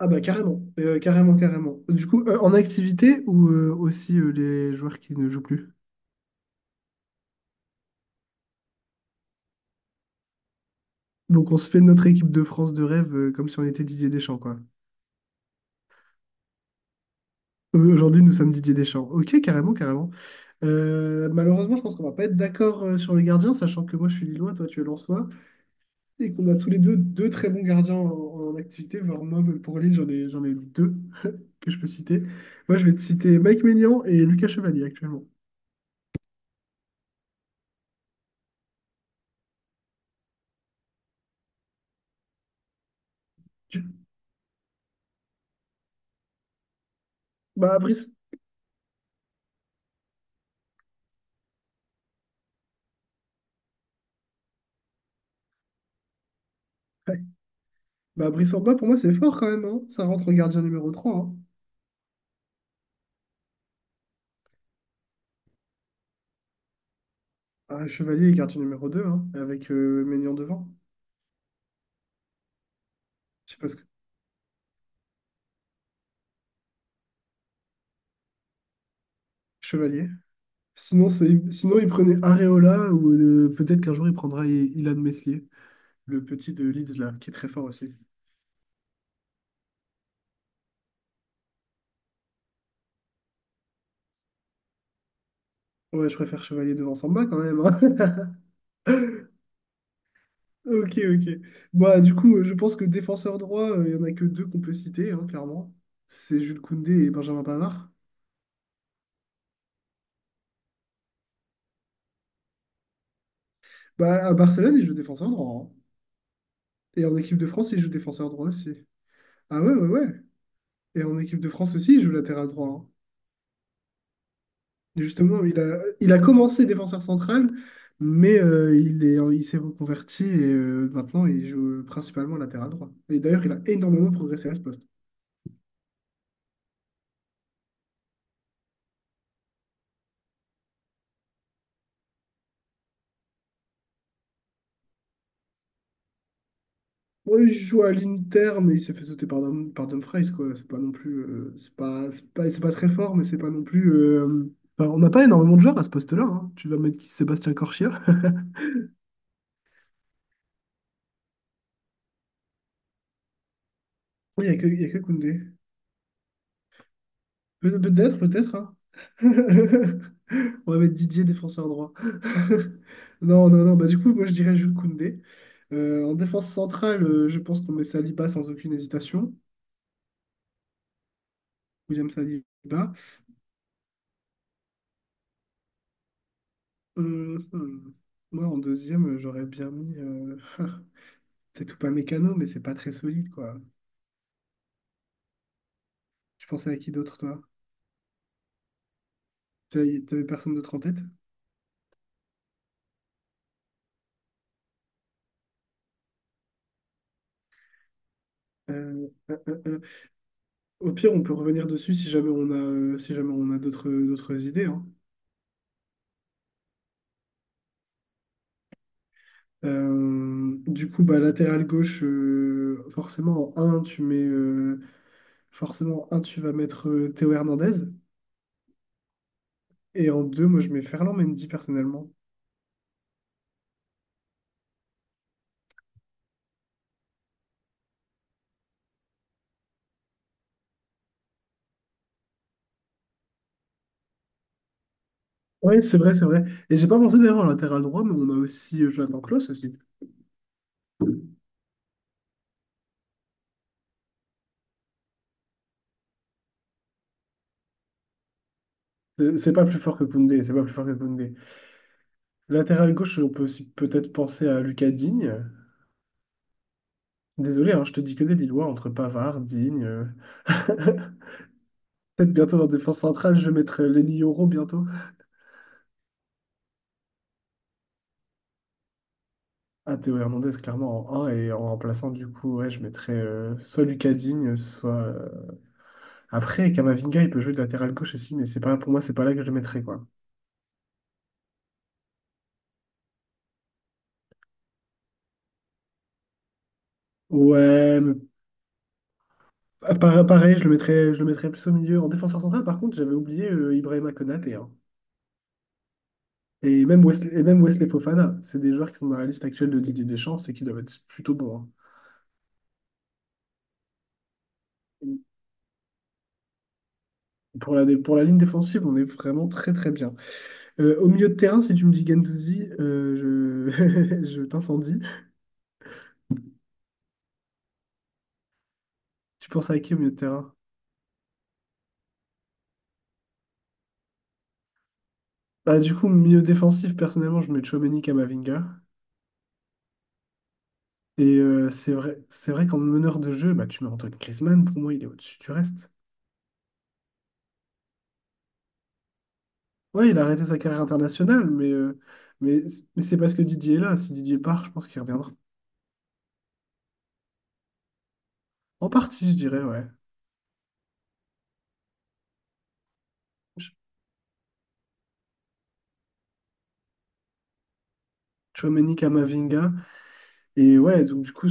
Ah bah carrément, carrément, carrément. Du coup, en activité ou aussi les joueurs qui ne jouent plus. Donc on se fait notre équipe de France de rêve comme si on était Didier Deschamps, quoi. Aujourd'hui, nous sommes Didier Deschamps. Ok, carrément, carrément. Malheureusement, je pense qu'on va pas être d'accord sur les gardiens, sachant que moi je suis Lillois, toi tu es Lensois, et qu'on a tous les deux deux très bons gardiens en activité, voire moi même pour Lille, j'en ai deux que je peux citer. Moi je vais te citer Mike Maignan et Lucas Chevalier actuellement. Tu- Bah, Brice. Bah, Brice Horba, pour moi, c'est fort quand même, hein. Ça rentre en gardien numéro trois, hein. Ah, Chevalier est gardien numéro 2 hein, avec Maignan devant. Je sais pas ce que... Chevalier. Sinon, il prenait Areola ou peut-être qu'un jour, il prendra Ilan Meslier, le petit de Leeds, là, qui est très fort aussi. Ouais, je préfère Chevalier devant Samba quand même, hein. Ok, ok. Bah, du coup, je pense que défenseur droit, il y en a que deux qu'on peut citer, hein, clairement. C'est Jules Koundé et Benjamin Pavard. Bah, à Barcelone, il joue défenseur droit, hein. Et en équipe de France, il joue défenseur droit aussi. Ah ouais, ouais, ouais. Et en équipe de France aussi, il joue latéral droit, hein. Et justement, il a commencé défenseur central, mais il s'est reconverti et maintenant il joue principalement latéral droit. Et d'ailleurs, il a énormément progressé à ce poste. Bon, il joue à l'Inter, mais il s'est fait sauter par Dumfries, quoi. C'est pas non plus, c'est pas très fort, mais c'est pas non plus, enfin, on n'a pas énormément de joueurs à ce poste-là, hein. Tu vas mettre qui? Sébastien Corchia? Il n'y a que, il y a que Koundé. Peut-être, peut-être, hein. On va mettre Didier défenseur droit. Non, non, non. Bah, du coup, moi, je dirais Jules Koundé. En défense centrale, je pense qu'on met Saliba sans aucune hésitation. William Saliba. Hum, hum. Moi, en deuxième, j'aurais bien mis... C'est tout pas mécano, mais c'est pas très solide, quoi. Tu pensais à qui d'autre, toi? T'avais personne d'autre en tête? Euh, euh, euh, euh. Au pire, on peut revenir dessus si jamais on a, si jamais on a d'autres idées, hein. Du coup, bah, latéral gauche, forcément en 1, tu mets forcément en 1, tu vas mettre Théo Hernandez. Et en 2, moi je mets Ferland Mendy personnellement. Oui, c'est vrai, c'est vrai. Et j'ai pas pensé d'ailleurs en latéral droit, mais on a aussi Jonathan Klaus aussi. C'est pas plus fort que Koundé, c'est pas plus fort que Koundé. Latéral gauche, on peut aussi peut-être penser à Lucas Digne. Désolé, hein, je te dis que des Lillois entre Pavard, Digne. Peut-être bientôt en défense centrale, je vais mettre Lenny Yoro bientôt. Ah, Théo Hernandez, clairement, en un et en remplaçant, du coup, ouais, je mettrais soit Lucas Digne, soit. Après, Kamavinga, il peut jouer de latéral gauche aussi, mais c'est pas, pour moi, c'est pas là que je le mettrais, quoi. Ouais, mais pareil, je le mettrais plus au milieu. En défenseur central, par contre, j'avais oublié Ibrahima Konaté, hein. Et même Wesley Fofana. C'est des joueurs qui sont dans la liste actuelle de Didier Deschamps et qui doivent être plutôt bons, hein. Pour la ligne défensive, on est vraiment très très bien. Au milieu de terrain, si tu me dis Gendouzi, je, je t'incendie. Tu penses à qui au milieu de terrain? Bah, du coup, milieu défensif, personnellement, je mets Tchouaméni Camavinga. Et c'est vrai qu'en meneur de jeu, bah, tu mets Antoine Griezmann, pour moi, il est au-dessus du reste. Ouais, il a arrêté sa carrière internationale, mais, mais c'est parce que Didier est là. Si Didier part, je pense qu'il reviendra. En partie, je dirais, ouais. Ch- Tchouaméni Camavinga. Et ouais, donc du coup,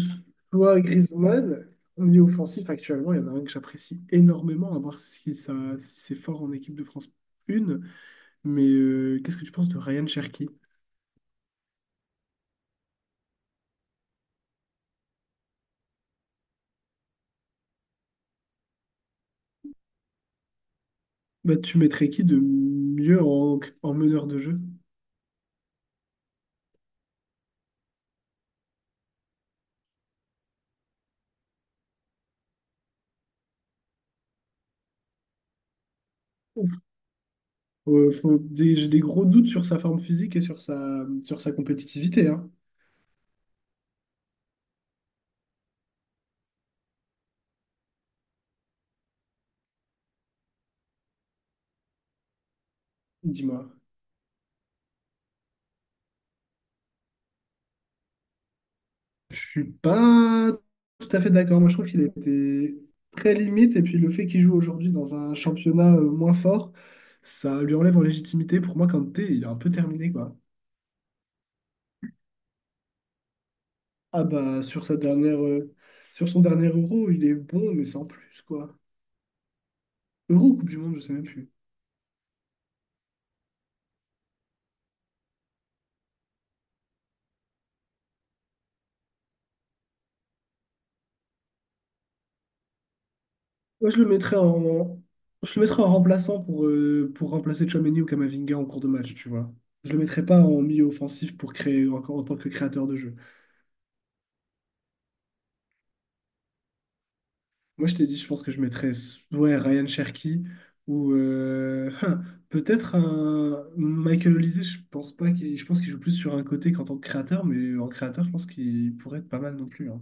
soit Griezmann, milieu offensif, actuellement, il y en a un que j'apprécie énormément, à voir si ça, si c'est fort en équipe de France 1. Mais qu'est-ce que tu penses de Ryan Cherki? Bah, tu mettrais qui de mieux en meneur de jeu? J'ai des gros doutes sur sa forme physique et sur sa compétitivité, hein. Dis-moi. Je suis pas tout à fait d'accord. Moi, je trouve qu'il était très limite. Et puis, le fait qu'il joue aujourd'hui dans un championnat moins fort, ça lui enlève en légitimité. Pour moi, Kanté, il est un peu terminé, quoi. Ah bah, sur son dernier Euro, il est bon, mais sans plus, quoi. Euro ou Coupe du Monde, je sais même plus. Moi, je le mettrais en remplaçant pour remplacer Tchouaméni ou Kamavinga en cours de match, tu vois. Je le mettrais pas en milieu offensif pour créer encore en tant que créateur de jeu. Moi, je t'ai dit, je pense que je mettrais ouais, Ryan Cherki ou hein, peut-être un Michael Olise. Je pense pas qu'il, je pense qu'il joue plus sur un côté qu'en tant que créateur, mais en créateur, je pense qu'il pourrait être pas mal non plus, hein.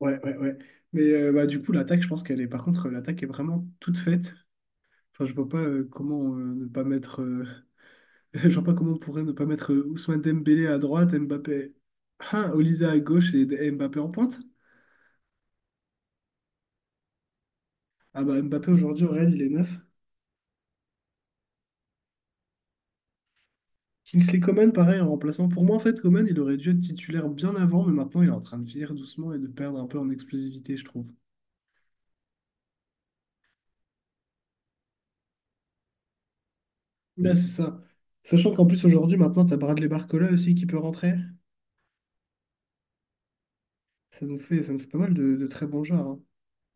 Ouais, ouais, ouais. Mais bah, du coup, l'attaque, je pense qu'elle est. Par contre, l'attaque est vraiment toute faite. Enfin, je vois pas comment ne pas mettre Je vois pas comment on pourrait ne pas mettre Ousmane Dembélé à droite, Mbappé, ah, Olisa à gauche et Mbappé en pointe. Ah bah Mbappé aujourd'hui au Real, il est neuf. Kingsley Coman, pareil, en remplaçant. Pour moi, en fait, Coman, il aurait dû être titulaire bien avant, mais maintenant, il est en train de vieillir doucement et de perdre un peu en explosivité, je trouve. Là, c'est ça. Sachant qu'en plus, aujourd'hui, maintenant, t'as Bradley Barcola aussi qui peut rentrer. Ça nous fait pas mal de très bons joueurs, hein.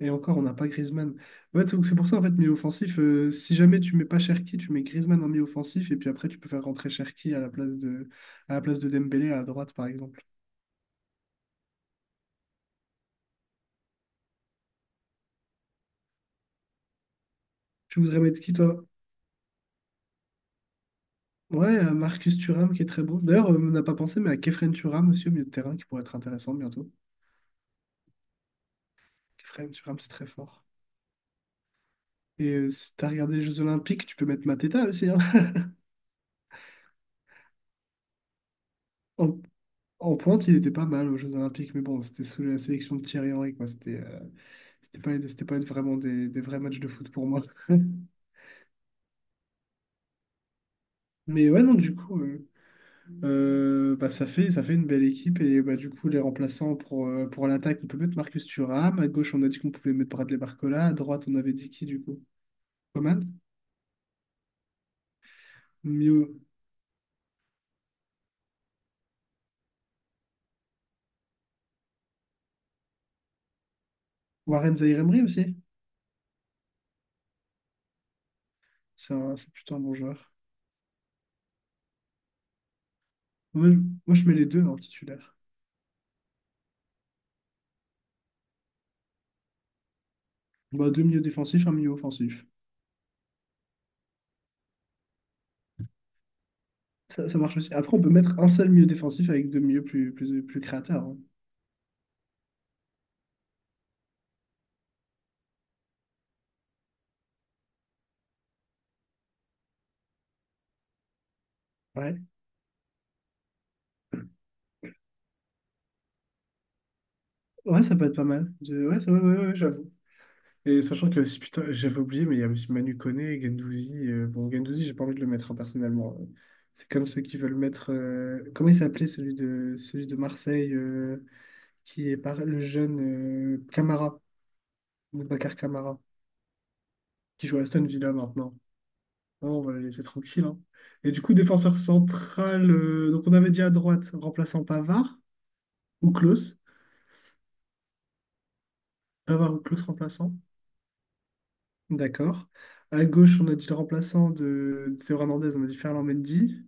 Et encore, on n'a pas Griezmann. Ouais, c'est pour ça, en fait, milieu offensif, si jamais tu mets pas Cherki, tu mets Griezmann en milieu offensif, et puis après, tu peux faire rentrer Cherki à la place de Dembélé à droite, par exemple. Tu voudrais mettre qui, toi? Ouais, Marcus Thuram, qui est très bon. D'ailleurs, on n'a pas pensé, mais à Kefren Thuram aussi, au milieu de terrain, qui pourrait être intéressant bientôt. Kefren Thuram, c'est très fort. Et si t'as regardé les Jeux Olympiques, tu peux mettre Mateta aussi, hein. En, en pointe, il était pas mal aux Jeux Olympiques, mais bon, c'était sous la sélection de Thierry Henry, quoi. C'était pas vraiment des vrais matchs de foot pour moi. Mais ouais, non, du coup, bah, ça fait une belle équipe. Et bah, du coup, les remplaçants pour l'attaque, on peut mettre Marcus Thuram. À gauche, on a dit qu'on pouvait mettre Bradley Barcola. À droite, on avait dit qui, du coup? Coman. Mio. Warren Zaïre-Emery aussi. C'est plutôt un bon joueur. Moi, je moi, je mets les deux en titulaire. Bah, deux milieux défensifs, un milieu offensif. Ça marche aussi. Après, on peut mettre un seul milieu défensif avec deux milieux plus créateurs, hein. Ouais. Ouais, ça peut être pas mal. Ouais, ouais, ouais, ouais, j'avoue. Et sachant qu'il y a aussi, putain, j'avais oublié, mais il y a aussi Manu Koné, Gendouzi. Bon, Gendouzi, j'ai pas envie de le mettre hein, personnellement, hein. C'est comme ceux qui veulent mettre, comment il s'appelait celui de Marseille, qui est par, le jeune euh, Camara, Boubacar Camara, qui joue à Aston Villa maintenant. Bon, on va le laisser tranquille, hein. Et du coup, défenseur central, donc on avait dit à droite, remplaçant Pavard ou Klose. Pavard ou Klose remplaçant. D'accord. À gauche, on a dit le remplaçant de Théo Hernandez, on a dit Ferland Mendy.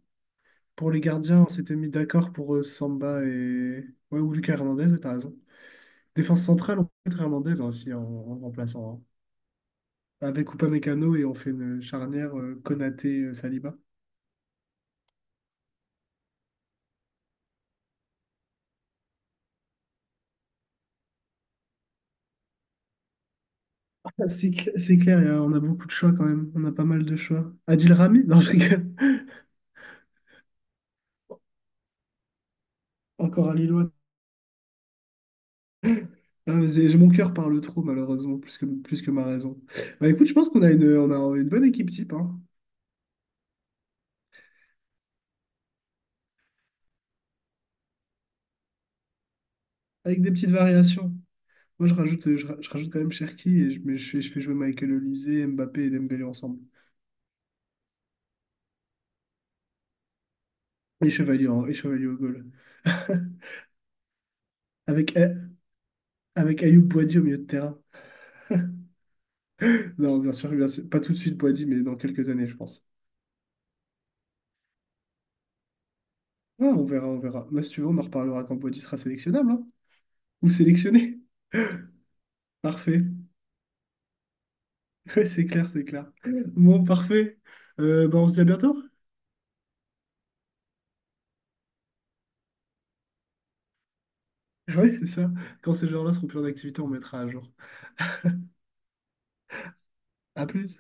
Pour les gardiens, on s'était mis d'accord pour Samba et. Ouais, ou Lucas Hernandez, ouais, t'as raison. Défense centrale, on peut mettre Hernandez hein, aussi en remplaçant, hein. Avec Mécano et on fait une charnière Konaté Saliba. Ah, c'est clair, on a beaucoup de choix quand même. On a pas mal de choix. Adil Rami? Non, je rigole. Encore un Lillois. Ah, mais mon cœur parle trop, malheureusement, plus que ma raison. Bah écoute, je pense qu'on a une bonne équipe type, hein, avec des petites variations. Moi, je rajoute, je, ra- Je rajoute quand même Cherki et je fais jouer Michael Olise, Mbappé et Dembélé ensemble. Et Chevalier au goal. Avec, A- avec Ayoub Boadi au milieu de terrain. Non, bien sûr, bien sûr. Pas tout de suite Boadi, mais dans quelques années, je pense. Ah, on verra, on verra. Mais si tu veux, on en reparlera quand Boadi sera sélectionnable, hein. Ou sélectionné. Parfait. Ouais, c'est clair, c'est clair. Bon, parfait. Bah, on se dit à bientôt. Ouais, c'est ça. Quand ces joueurs-là seront plus en activité, on mettra à jour. À plus.